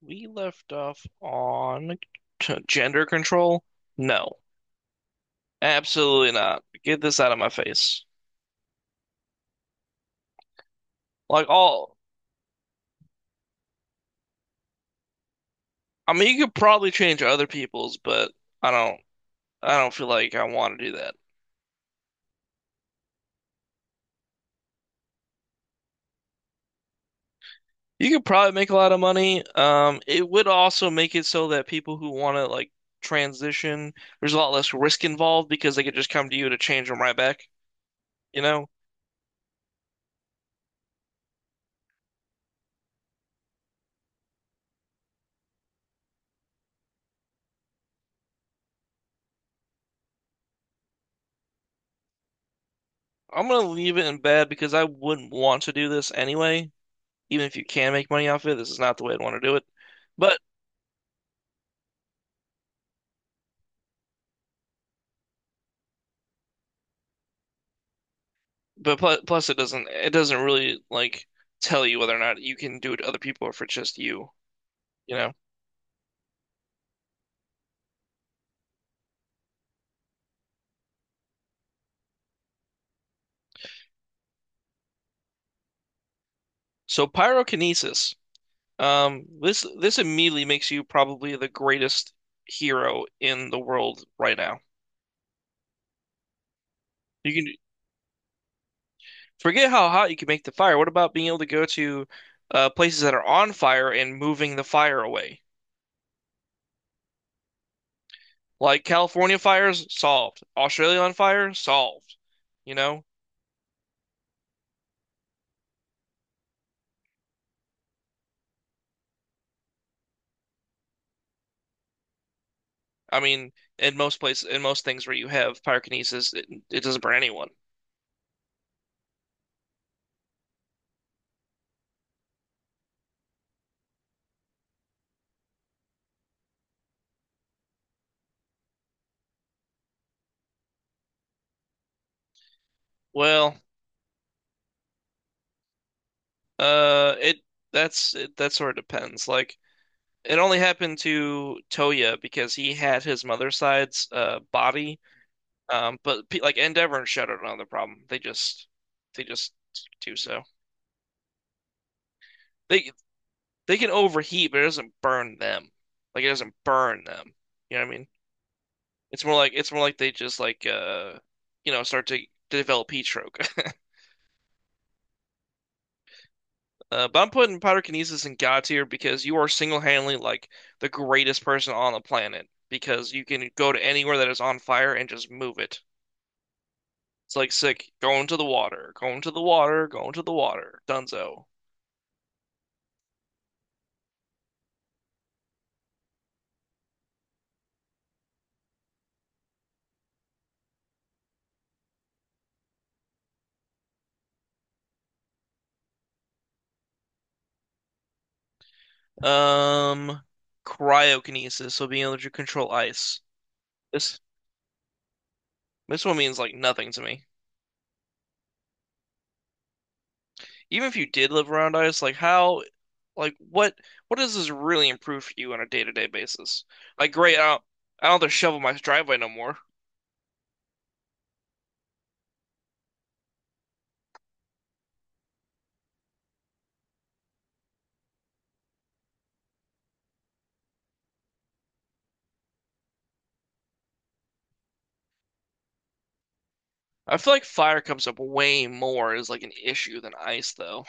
We left off on gender control? No, absolutely not. Get this out of my face. Like all, I mean, you could probably change other people's, but I don't, I don't feel like I want to do that. You could probably make a lot of money. It would also make it so that people who want to like transition, there's a lot less risk involved because they could just come to you to change them right back. You know, I'm gonna leave it in bad because I wouldn't want to do this anyway. Even if you can make money off it, this is not the way I'd want to do it. But but plus, it doesn't really like tell you whether or not you can do it to other people or if it's just you, you know. So pyrokinesis. This immediately makes you probably the greatest hero in the world right now. You can forget how hot you can make the fire. What about being able to go to places that are on fire and moving the fire away? Like California fires, solved. Australia on fire, solved. You know, I mean, in most places, in most things where you have pyrokinesis, it doesn't burn anyone. Well, it that sort of depends. Like, it only happened to Toya because he had his mother's side's body. But like Endeavor and Shudder don't have the problem. They just do so. They they can overheat, but it doesn't burn them. Like it doesn't burn them. You know what I mean? It's more like they just like start to develop heat stroke. But I'm putting Pyrokinesis in God tier because you are single-handedly like the greatest person on the planet because you can go to anywhere that is on fire and just move it. It's like sick. Going to the water, going to the water, going to the water. Dunzo. Um, Cryokinesis, so being able to control ice. This this one means like nothing to me. Even if you did live around ice, like how, like what does this really improve for you on a day-to-day basis? Like great, I don't have to shovel my driveway no more. I feel like fire comes up way more as like an issue than ice, though.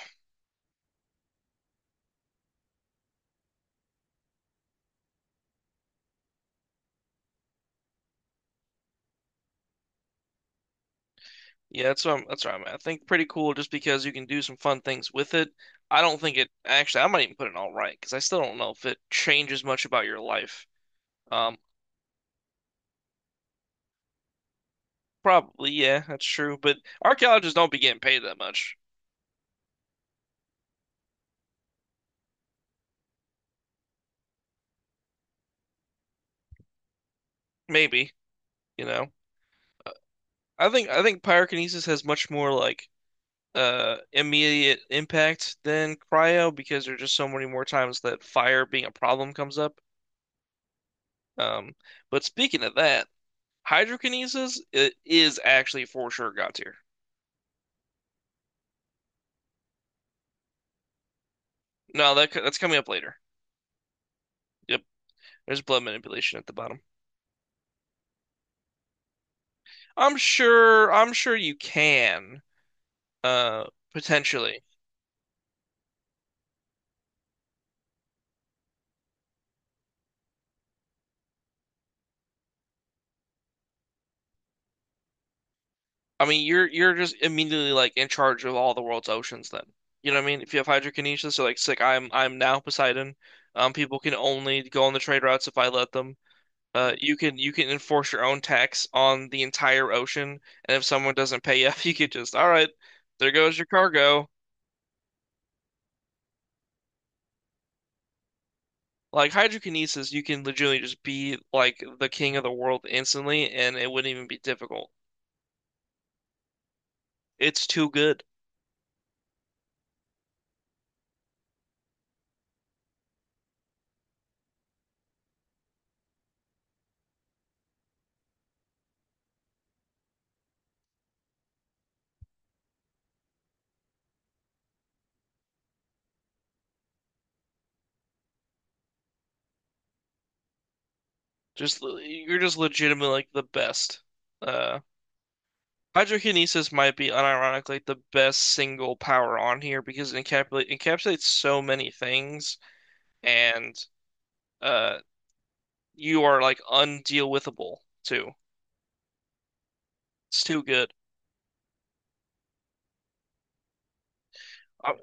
Yeah, that's what I'm at. I think pretty cool just because you can do some fun things with it. I don't think it actually. I might even put it all right because I still don't know if it changes much about your life. Um, Probably yeah, that's true. But archaeologists don't be getting paid that much. Maybe you know. I think pyrokinesis has much more like immediate impact than cryo because there's just so many more times that fire being a problem comes up. Um, but speaking of that. Hydrokinesis is actually for sure God tier. No, that that's coming up later. Yep, there's blood manipulation at the bottom. I'm sure. I'm sure you can. Uh, potentially. I mean, you're just immediately like in charge of all the world's oceans. Then you know what I mean. If you have hydrokinesis, so like, it's like I'm now Poseidon. People can only go on the trade routes if I let them. You can enforce your own tax on the entire ocean, and if someone doesn't pay up, you could just all right, there goes your cargo. Like hydrokinesis, you can legitimately just be like the king of the world instantly, and it wouldn't even be difficult. It's too good. You're just legitimately like the best. Uh, Hydrokinesis might be unironically the best single power on here because it encapsulates so many things, and uh, you are like undeal withable too. It's too good. I,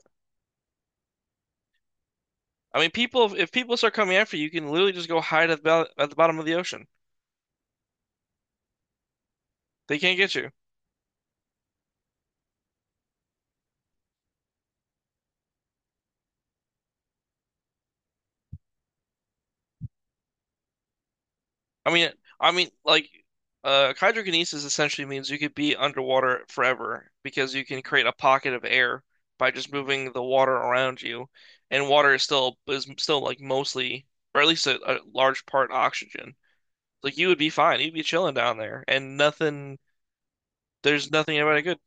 I mean, people if people start coming after you, you can literally just go hide at at the bottom of the ocean. They can't get you. I mean, I mean, hydrokinesis essentially means you could be underwater forever because you can create a pocket of air by just moving the water around you, and water is still like mostly, or at least a large part oxygen. Like you would be fine, you'd be chilling down there, and nothing. There's nothing about it good.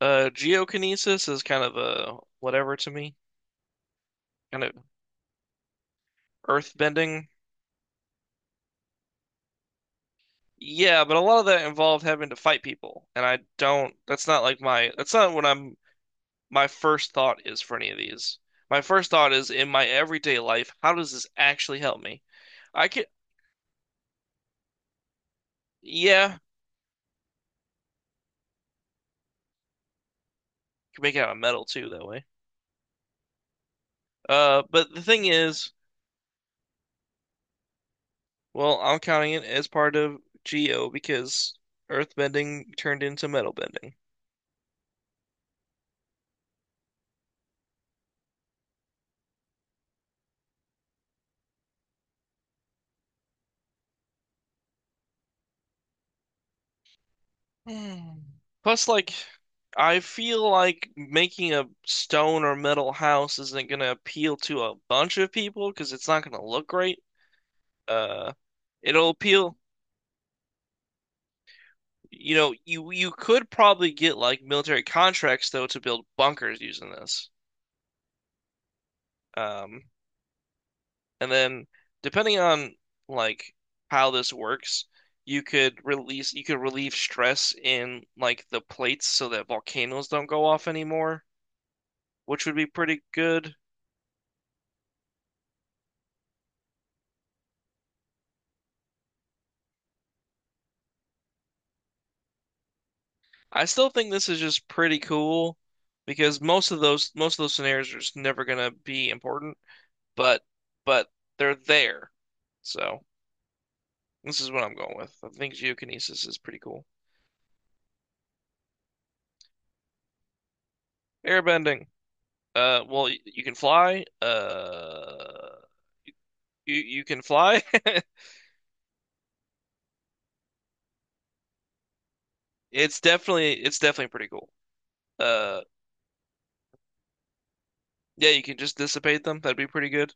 Geokinesis is kind of a whatever to me, kind of earth bending. Yeah, but a lot of that involved having to fight people, and I don't. That's not like my. That's not what I'm my first thought is for any of these. My first thought is in my everyday life, how does this actually help me? I could, yeah, could make it out of metal too that way. But the thing is, Well, I'm counting it as part of Geo because Earthbending turned into metal bending. Mm. Plus, like, I feel like making a stone or metal house isn't gonna appeal to a bunch of people because it's not gonna look great. Uh, It'll appeal. You know, you could probably get like military contracts though to build bunkers using this. Um, and then depending on like how this works, you could relieve stress in like the plates so that volcanoes don't go off anymore, which would be pretty good. I still think this is just pretty cool because most of those scenarios are just never gonna be important, but but they're there. So this is what I'm going with. I think geokinesis is pretty cool. Airbending. You can fly. You you can fly. It's definitely pretty cool. Uh, yeah, you can just dissipate them. That'd be pretty good.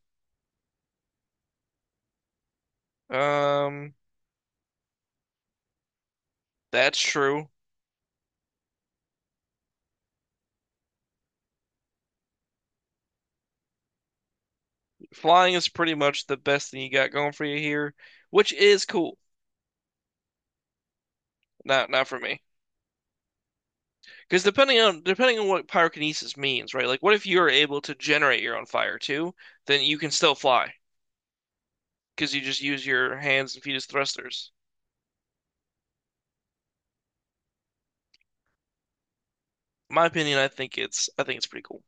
Um, that's true. Flying is pretty much the best thing you got going for you here, which is cool. Not not for me, because depending on what pyrokinesis means, right? Like, what if you're able to generate your own fire too? Then you can still fly. Because you just use your hands and feet as thrusters. My opinion, I think it's pretty cool.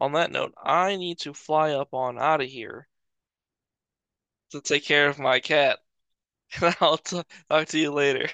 On that note, I need to fly up on out of here to take care of my cat, and I'll t talk to you later.